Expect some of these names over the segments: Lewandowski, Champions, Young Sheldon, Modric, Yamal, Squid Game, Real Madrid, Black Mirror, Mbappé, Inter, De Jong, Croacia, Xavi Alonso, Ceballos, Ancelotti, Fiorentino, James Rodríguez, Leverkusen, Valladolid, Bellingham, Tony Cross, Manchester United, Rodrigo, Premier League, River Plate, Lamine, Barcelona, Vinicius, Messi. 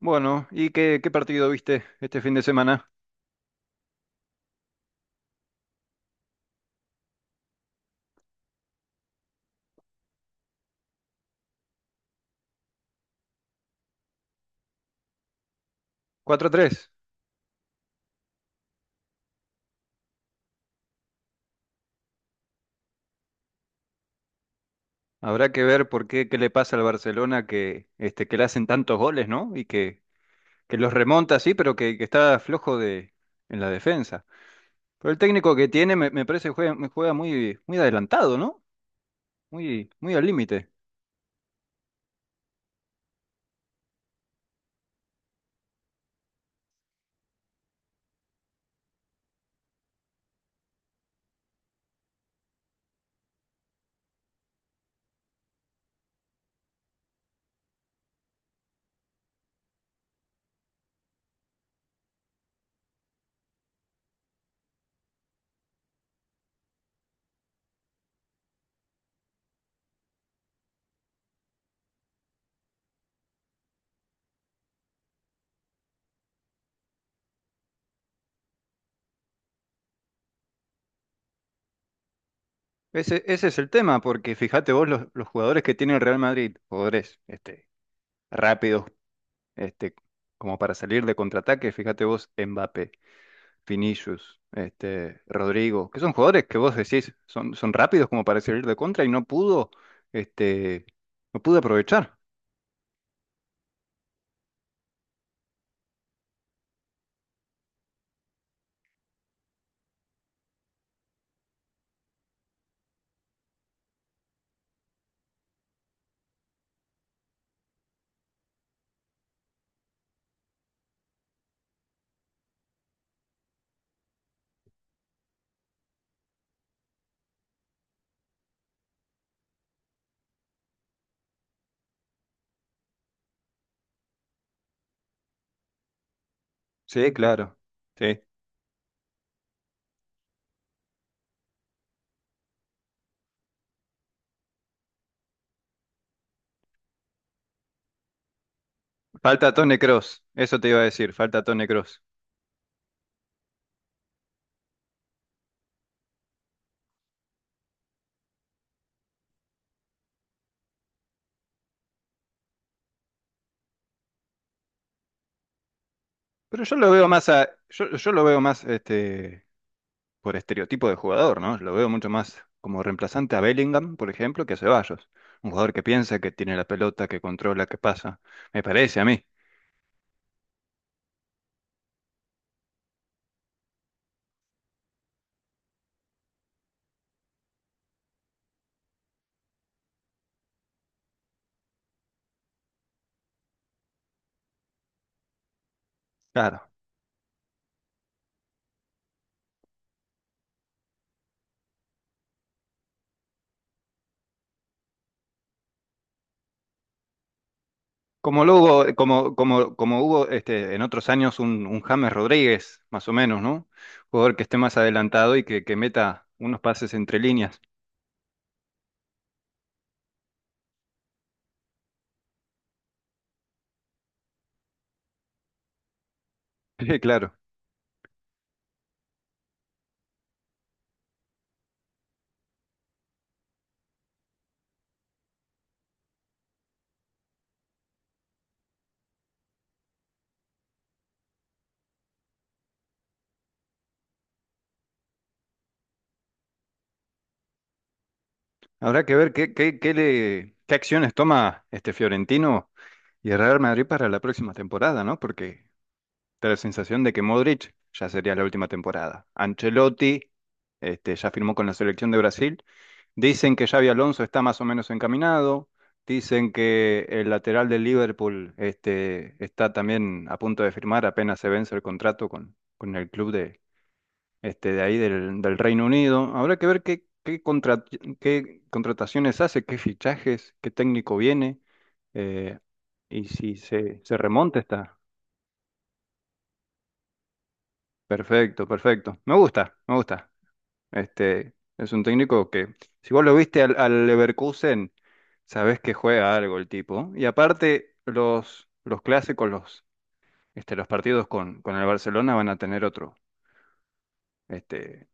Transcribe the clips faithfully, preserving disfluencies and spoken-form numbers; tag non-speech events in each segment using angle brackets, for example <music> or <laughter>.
Bueno, ¿y qué, qué partido viste este fin de semana? Cuatro a tres. Habrá que ver por qué, qué le pasa al Barcelona que, este, que le hacen tantos goles, ¿no? Y que, que los remonta, sí, pero que, que está flojo de, en la defensa. Pero el técnico que tiene me, me parece que juega, me juega muy, muy adelantado, ¿no? Muy, muy al límite. Ese, ese es el tema, porque fíjate vos los, los jugadores que tiene el Real Madrid, jugadores, este, rápidos, este, como para salir de contraataque, fíjate vos, Mbappé. Vinicius, este, Rodrigo, que son jugadores que vos decís, son, son rápidos como para salir de contra y no pudo, este, no pudo aprovechar. Sí, claro. Sí. Falta Tony Cross, eso te iba a decir, falta Tony Cross. Pero yo lo veo más a, yo, yo lo veo más este, por estereotipo de jugador, ¿no? Lo veo mucho más como reemplazante a Bellingham, por ejemplo, que a Ceballos. Un jugador que piensa, que tiene la pelota, que controla, que pasa. Me parece a mí. Claro. Como luego, como, como, como hubo, este, en otros años un, un James Rodríguez, más o menos, ¿no? Jugador que esté más adelantado y que, que meta unos pases entre líneas. <laughs> Sí, claro. Habrá que ver qué, qué, qué le, qué acciones toma este Fiorentino y el Real Madrid para la próxima temporada, ¿no? Porque da la sensación de que Modric ya sería la última temporada. Ancelotti, este, ya firmó con la selección de Brasil. Dicen que Xavi Alonso está más o menos encaminado. Dicen que el lateral del Liverpool, este, está también a punto de firmar, apenas se vence el contrato con, con el club de, este, de ahí del, del Reino Unido. Habrá que ver qué, qué, contra- qué contrataciones hace, qué fichajes, qué técnico viene, eh, y si se, se remonta está. Perfecto, perfecto. Me gusta, me gusta. Este, es un técnico que, si vos lo viste al, al Leverkusen, sabés que juega algo el tipo. Y aparte, los, los clásicos, los, este, los partidos con, con el Barcelona van a tener otro. Este,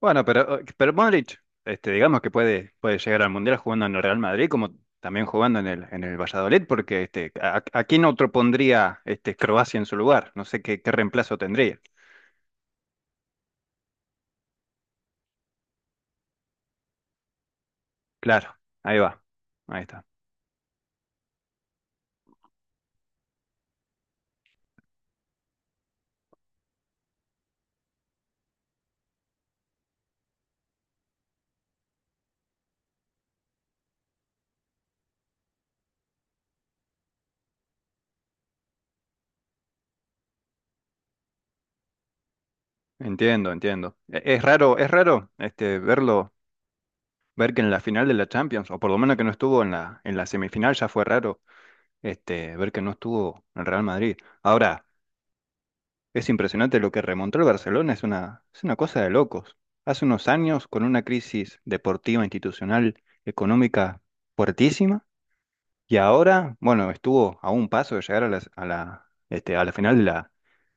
bueno, pero, pero Modric, este, digamos que puede, puede llegar al Mundial jugando en el Real Madrid, como también jugando en el, en el Valladolid, porque, este, a, a quién otro pondría, este, Croacia en su lugar. No sé qué, qué reemplazo tendría. Claro, ahí va. Ahí está. Entiendo, entiendo. E- Es raro, es raro este verlo, ver que en la final de la Champions, o por lo menos que no estuvo en la, en la semifinal, ya fue raro, este, ver que no estuvo en Real Madrid. Ahora, es impresionante lo que remontó el Barcelona, es una, es una cosa de locos. Hace unos años, con una crisis deportiva, institucional, económica fuertísima, y ahora, bueno, estuvo a un paso de llegar a la, a la, este, a la final de la,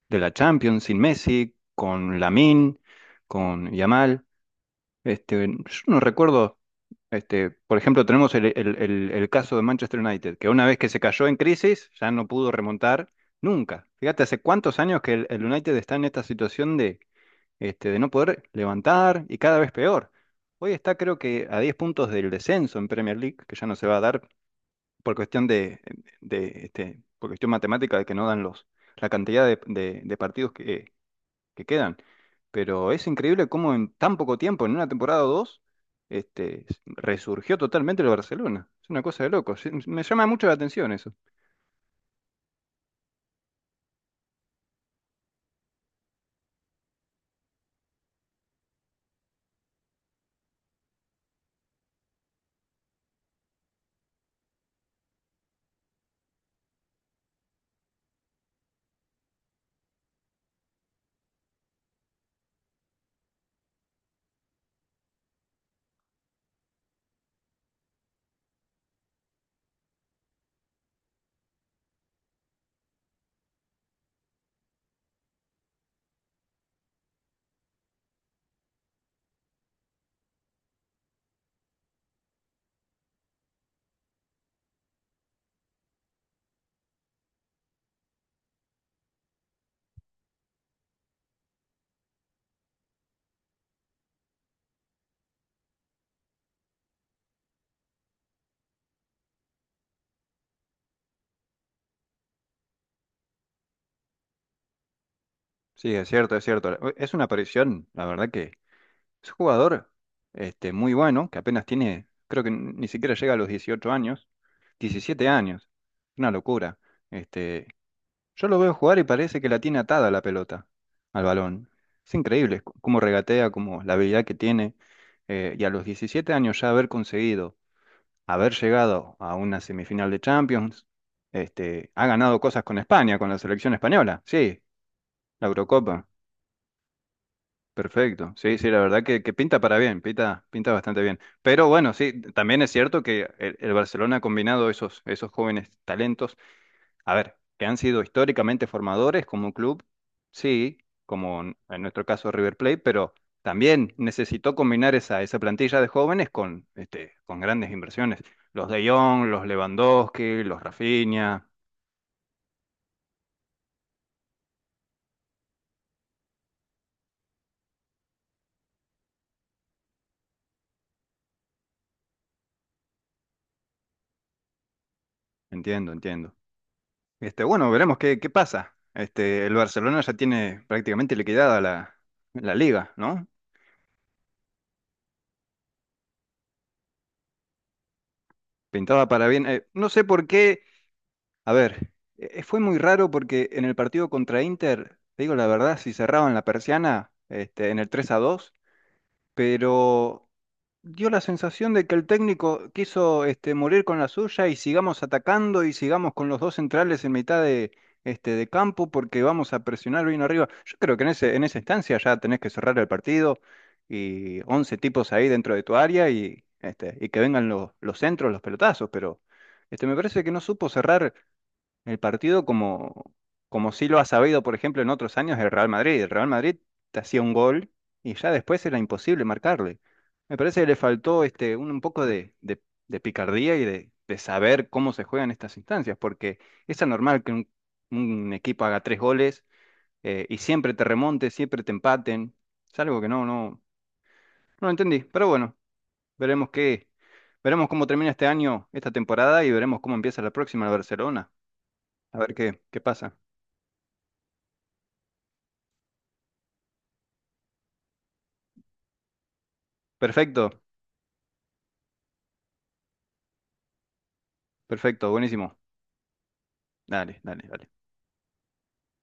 de la Champions sin Messi, con Lamine, con Yamal. Este, yo no recuerdo, este, por ejemplo, tenemos el, el- el- el caso de Manchester United, que una vez que se cayó en crisis, ya no pudo remontar nunca. Fíjate, hace cuántos años que el, el United está en esta situación de, este, de no poder levantar y cada vez peor. Hoy está, creo, que a diez puntos del descenso en Premier League, que ya no se va a dar por cuestión de, de, este, por cuestión matemática de que no dan los, la cantidad de, de- de partidos que, que quedan. Pero es increíble cómo en tan poco tiempo, en una temporada o dos, este, resurgió totalmente el Barcelona. Es una cosa de loco. Sí, Me llama mucho la atención eso. Sí, es cierto, es cierto. Es una aparición, la verdad que es un jugador, este, muy bueno, que apenas tiene, creo que ni siquiera llega a los dieciocho años, diecisiete años. Una locura. Este, Yo lo veo jugar y parece que la tiene atada la pelota al balón. Es increíble, c- cómo regatea, cómo la habilidad que tiene. eh, y a los diecisiete años ya haber conseguido, haber llegado a una semifinal de Champions, este, ha ganado cosas con España, con la selección española. Sí, la Eurocopa. Perfecto. Sí, sí, la verdad que, que pinta para bien, pinta, pinta bastante bien. Pero bueno, sí, también es cierto que el, el Barcelona ha combinado esos, esos jóvenes talentos. A ver, que han sido históricamente formadores como un club, sí, como en en nuestro caso River Plate, pero también necesitó combinar esa, esa plantilla de jóvenes con, este, con grandes inversiones. Los De Jong, los Lewandowski, los Rafinha. Entiendo, entiendo. Este, bueno, veremos qué, qué pasa. Este, el Barcelona ya tiene prácticamente liquidada la, la liga, ¿no? Pintaba para bien. Eh, no sé por qué. A ver, eh, fue muy raro porque en el partido contra Inter, te digo la verdad, si cerraban la persiana, este, en el tres a dos, pero dio la sensación de que el técnico quiso, este, morir con la suya y sigamos atacando y sigamos con los dos centrales en mitad de, este, de campo porque vamos a presionar bien arriba. Yo creo que en ese, en esa instancia ya tenés que cerrar el partido y once tipos ahí dentro de tu área y, este, y que vengan los, los centros, los pelotazos, pero, este, me parece que no supo cerrar el partido como, como sí lo ha sabido, por ejemplo, en otros años el Real Madrid. El Real Madrid te hacía un gol y ya después era imposible marcarle. Me parece que le faltó, este, un, un poco de, de- de picardía y de, de saber cómo se juegan estas instancias, porque es anormal que un, un equipo haga tres goles, eh, y siempre te remonte, siempre te empaten. Es algo que no, no, no entendí. Pero bueno, veremos qué, veremos cómo termina este año, esta temporada, y veremos cómo empieza la próxima el Barcelona. A ver qué, qué pasa. Perfecto, perfecto, buenísimo. Dale, dale, dale.